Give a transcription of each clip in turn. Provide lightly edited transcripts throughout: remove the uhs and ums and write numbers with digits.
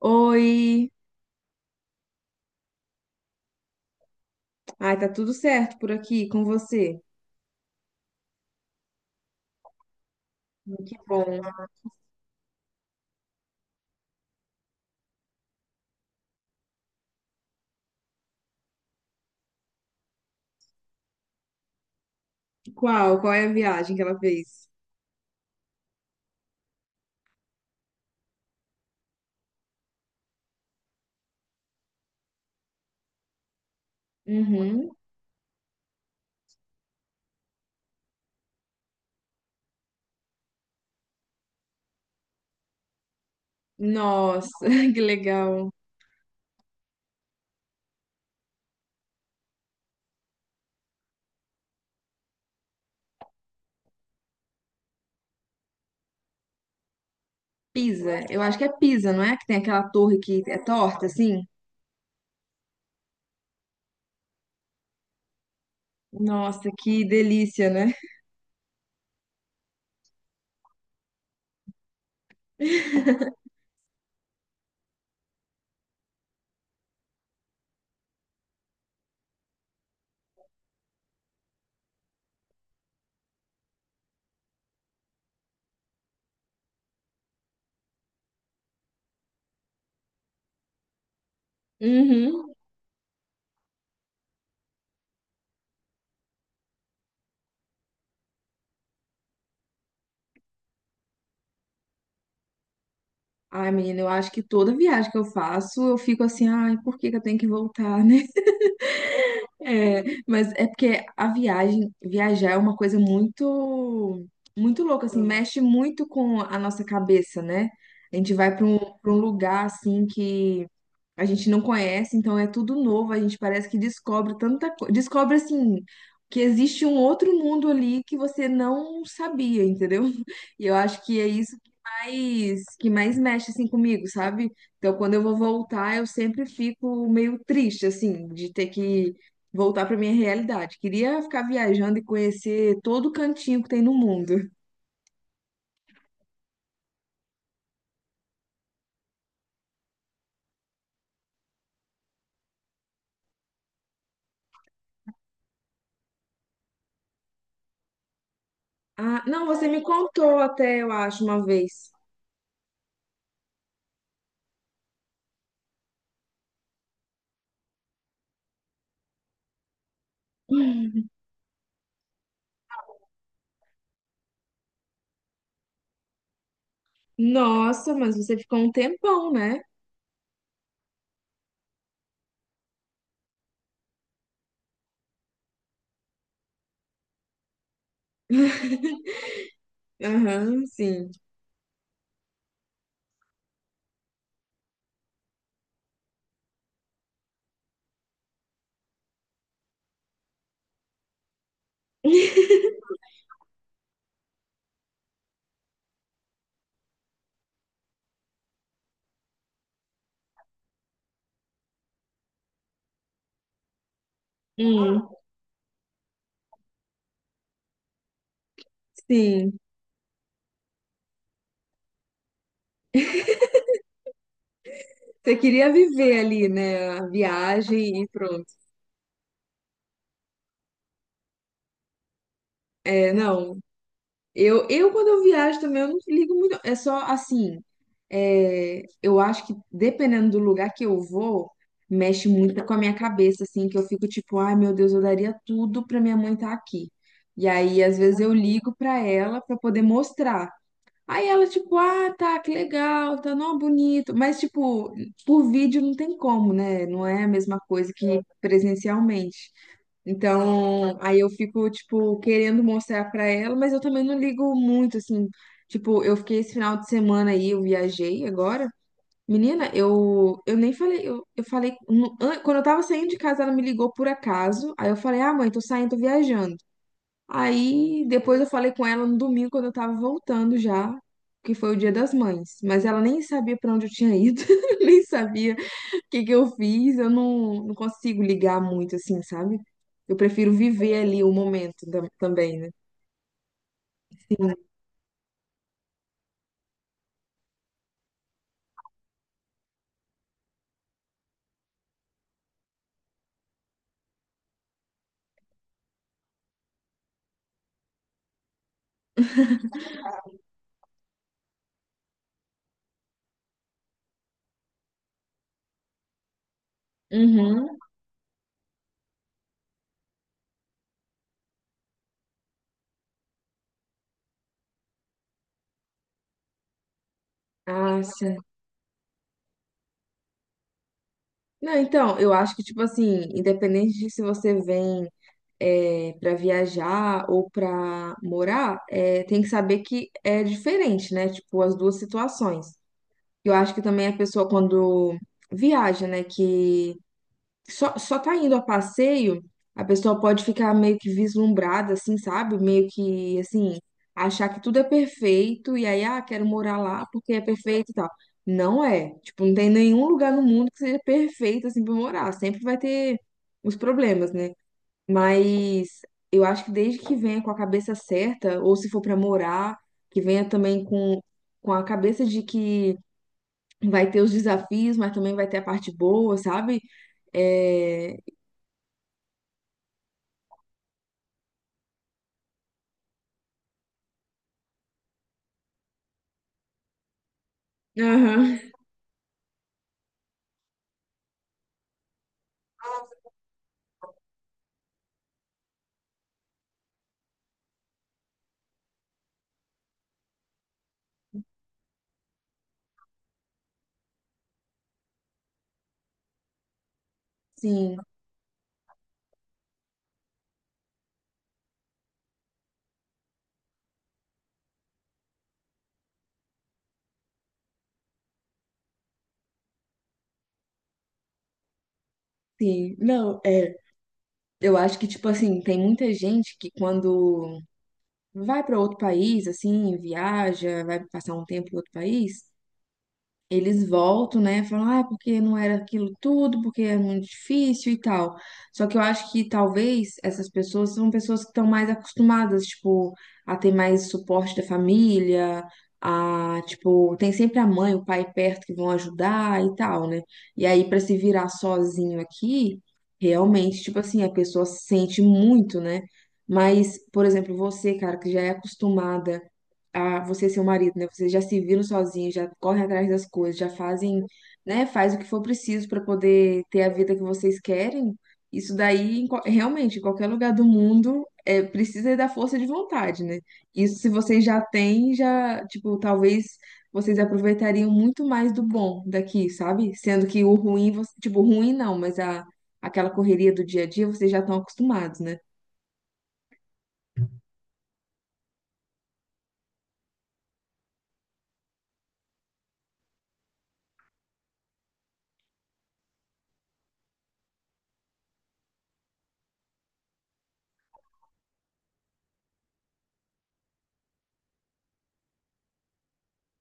Oi! Ai, tá tudo certo por aqui com você? Que bom. Qual? Qual é a viagem que ela fez? Uhum. Nossa, que legal. Pisa, eu acho que é Pisa, não é? Que tem aquela torre que é torta, assim? Nossa, que delícia, né? Uhum. Ai, menina, eu acho que toda viagem que eu faço, eu fico assim, ai, por que que eu tenho que voltar, né? É, mas é porque a viagem, viajar é uma coisa muito, muito louca, assim, mexe muito com a nossa cabeça, né? A gente vai para um lugar, assim, que a gente não conhece, então é tudo novo, a gente parece que descobre tanta coisa, descobre, assim, que existe um outro mundo ali que você não sabia, entendeu? E eu acho que é isso que mais mexe, assim, comigo, sabe? Então, quando eu vou voltar, eu sempre fico meio triste, assim, de ter que voltar para minha realidade. Queria ficar viajando e conhecer todo o cantinho que tem no mundo. Ah, não, você me contou até, eu acho, uma vez. Nossa, mas você ficou um tempão, né? Aham, sim. Hum, sim. Você queria viver ali, né? A viagem e pronto. É, não. Quando eu viajo também, eu não ligo muito. É só assim. É, eu acho que dependendo do lugar que eu vou, mexe muito com a minha cabeça, assim, que eu fico tipo, ai meu Deus, eu daria tudo pra minha mãe estar aqui. E aí, às vezes, eu ligo pra ela pra poder mostrar. Aí ela, tipo, ah, tá, que legal, tá, não, bonito. Mas, tipo, por vídeo não tem como, né? Não é a mesma coisa que presencialmente. Então, aí eu fico, tipo, querendo mostrar pra ela, mas eu também não ligo muito, assim. Tipo, eu fiquei esse final de semana aí, eu viajei agora. Menina, eu nem falei, eu falei, quando eu tava saindo de casa, ela me ligou por acaso. Aí eu falei, ah, mãe, tô saindo, tô viajando. Aí depois eu falei com ela no domingo, quando eu tava voltando já, que foi o Dia das Mães. Mas ela nem sabia pra onde eu tinha ido, nem sabia o que que eu fiz. Eu não, não consigo ligar muito assim, sabe? Eu prefiro viver ali o momento também, né? Sim. Uhum. Ah, sim. Não, então, eu acho que, tipo assim, independente de se você vem é, para viajar ou pra morar, é, tem que saber que é diferente, né? Tipo, as duas situações. Eu acho que também a pessoa quando viaja, né, que só tá indo a passeio, a pessoa pode ficar meio que vislumbrada, assim, sabe? Meio que, assim, achar que tudo é perfeito e aí, ah, quero morar lá porque é perfeito e tal. Não é. Tipo, não tem nenhum lugar no mundo que seja perfeito, assim, pra morar. Sempre vai ter os problemas, né? Mas eu acho que desde que venha com a cabeça certa, ou se for pra morar, que venha também com a cabeça de que vai ter os desafios, mas também vai ter a parte boa, sabe? É... Aham. Sim, sim. Não, é, eu acho que, tipo assim, tem muita gente que quando vai para outro país, assim, viaja, vai passar um tempo em outro país, eles voltam, né? Falam, ah, porque não era aquilo tudo, porque é muito difícil e tal. Só que eu acho que talvez essas pessoas são pessoas que estão mais acostumadas, tipo, a ter mais suporte da família, a, tipo, tem sempre a mãe, o pai perto que vão ajudar e tal, né? E aí, pra se virar sozinho aqui, realmente, tipo assim, a pessoa sente muito, né? Mas, por exemplo, você, cara, que já é acostumada a você e seu marido, né? Vocês já se viram sozinhos, já correm atrás das coisas, já fazem, né? Faz o que for preciso para poder ter a vida que vocês querem. Isso daí, em realmente, em qualquer lugar do mundo, é, precisa da força de vontade, né? Isso, se vocês já têm, já, tipo, talvez vocês aproveitariam muito mais do bom daqui, sabe? Sendo que o ruim, tipo, ruim não, mas a, aquela correria do dia a dia, vocês já estão acostumados, né?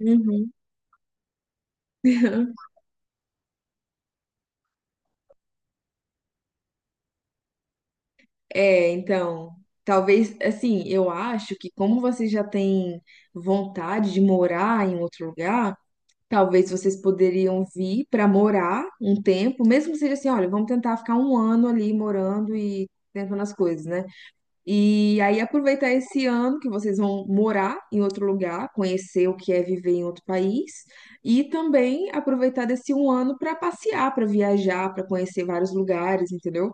Uhum. É, então, talvez, assim, eu acho que como vocês já têm vontade de morar em outro lugar, talvez vocês poderiam vir para morar um tempo, mesmo que seja assim, olha, vamos tentar ficar um ano ali morando e tentando as coisas, né? E aí aproveitar esse ano que vocês vão morar em outro lugar, conhecer o que é viver em outro país, e também aproveitar desse um ano para passear, para viajar, para conhecer vários lugares, entendeu?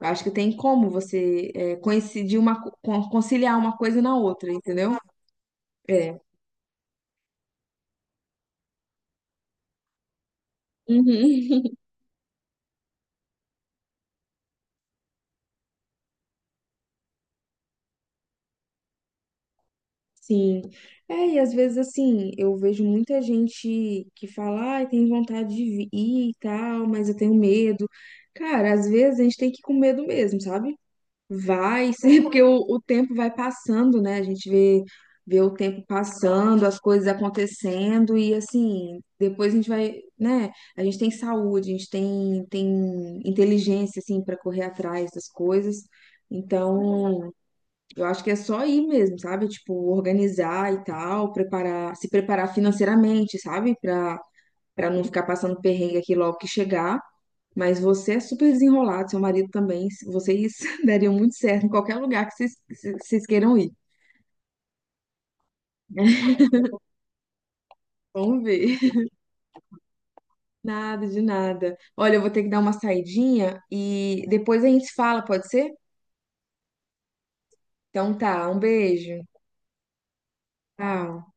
Eu acho que tem como você é, coincidir uma, conciliar uma coisa na outra, entendeu? É. Uhum. Sim. É, e às vezes assim, eu vejo muita gente que fala, ai, tem vontade de ir e tal, mas eu tenho medo. Cara, às vezes a gente tem que ir com medo mesmo, sabe? Vai, sim, porque o tempo vai passando, né? A gente vê, vê o tempo passando, as coisas acontecendo, e assim, depois a gente vai, né? A gente tem saúde, tem inteligência, assim, para correr atrás das coisas. Então, eu acho que é só ir mesmo, sabe? Tipo, organizar e tal, preparar, se preparar financeiramente, sabe? Para não ficar passando perrengue aqui logo que chegar. Mas você é super desenrolado, seu marido também. Vocês dariam muito certo em qualquer lugar que vocês queiram ir. Né? Vamos ver. Nada de nada. Olha, eu vou ter que dar uma saidinha e depois a gente se fala, pode ser? Então tá, um beijo. Tchau.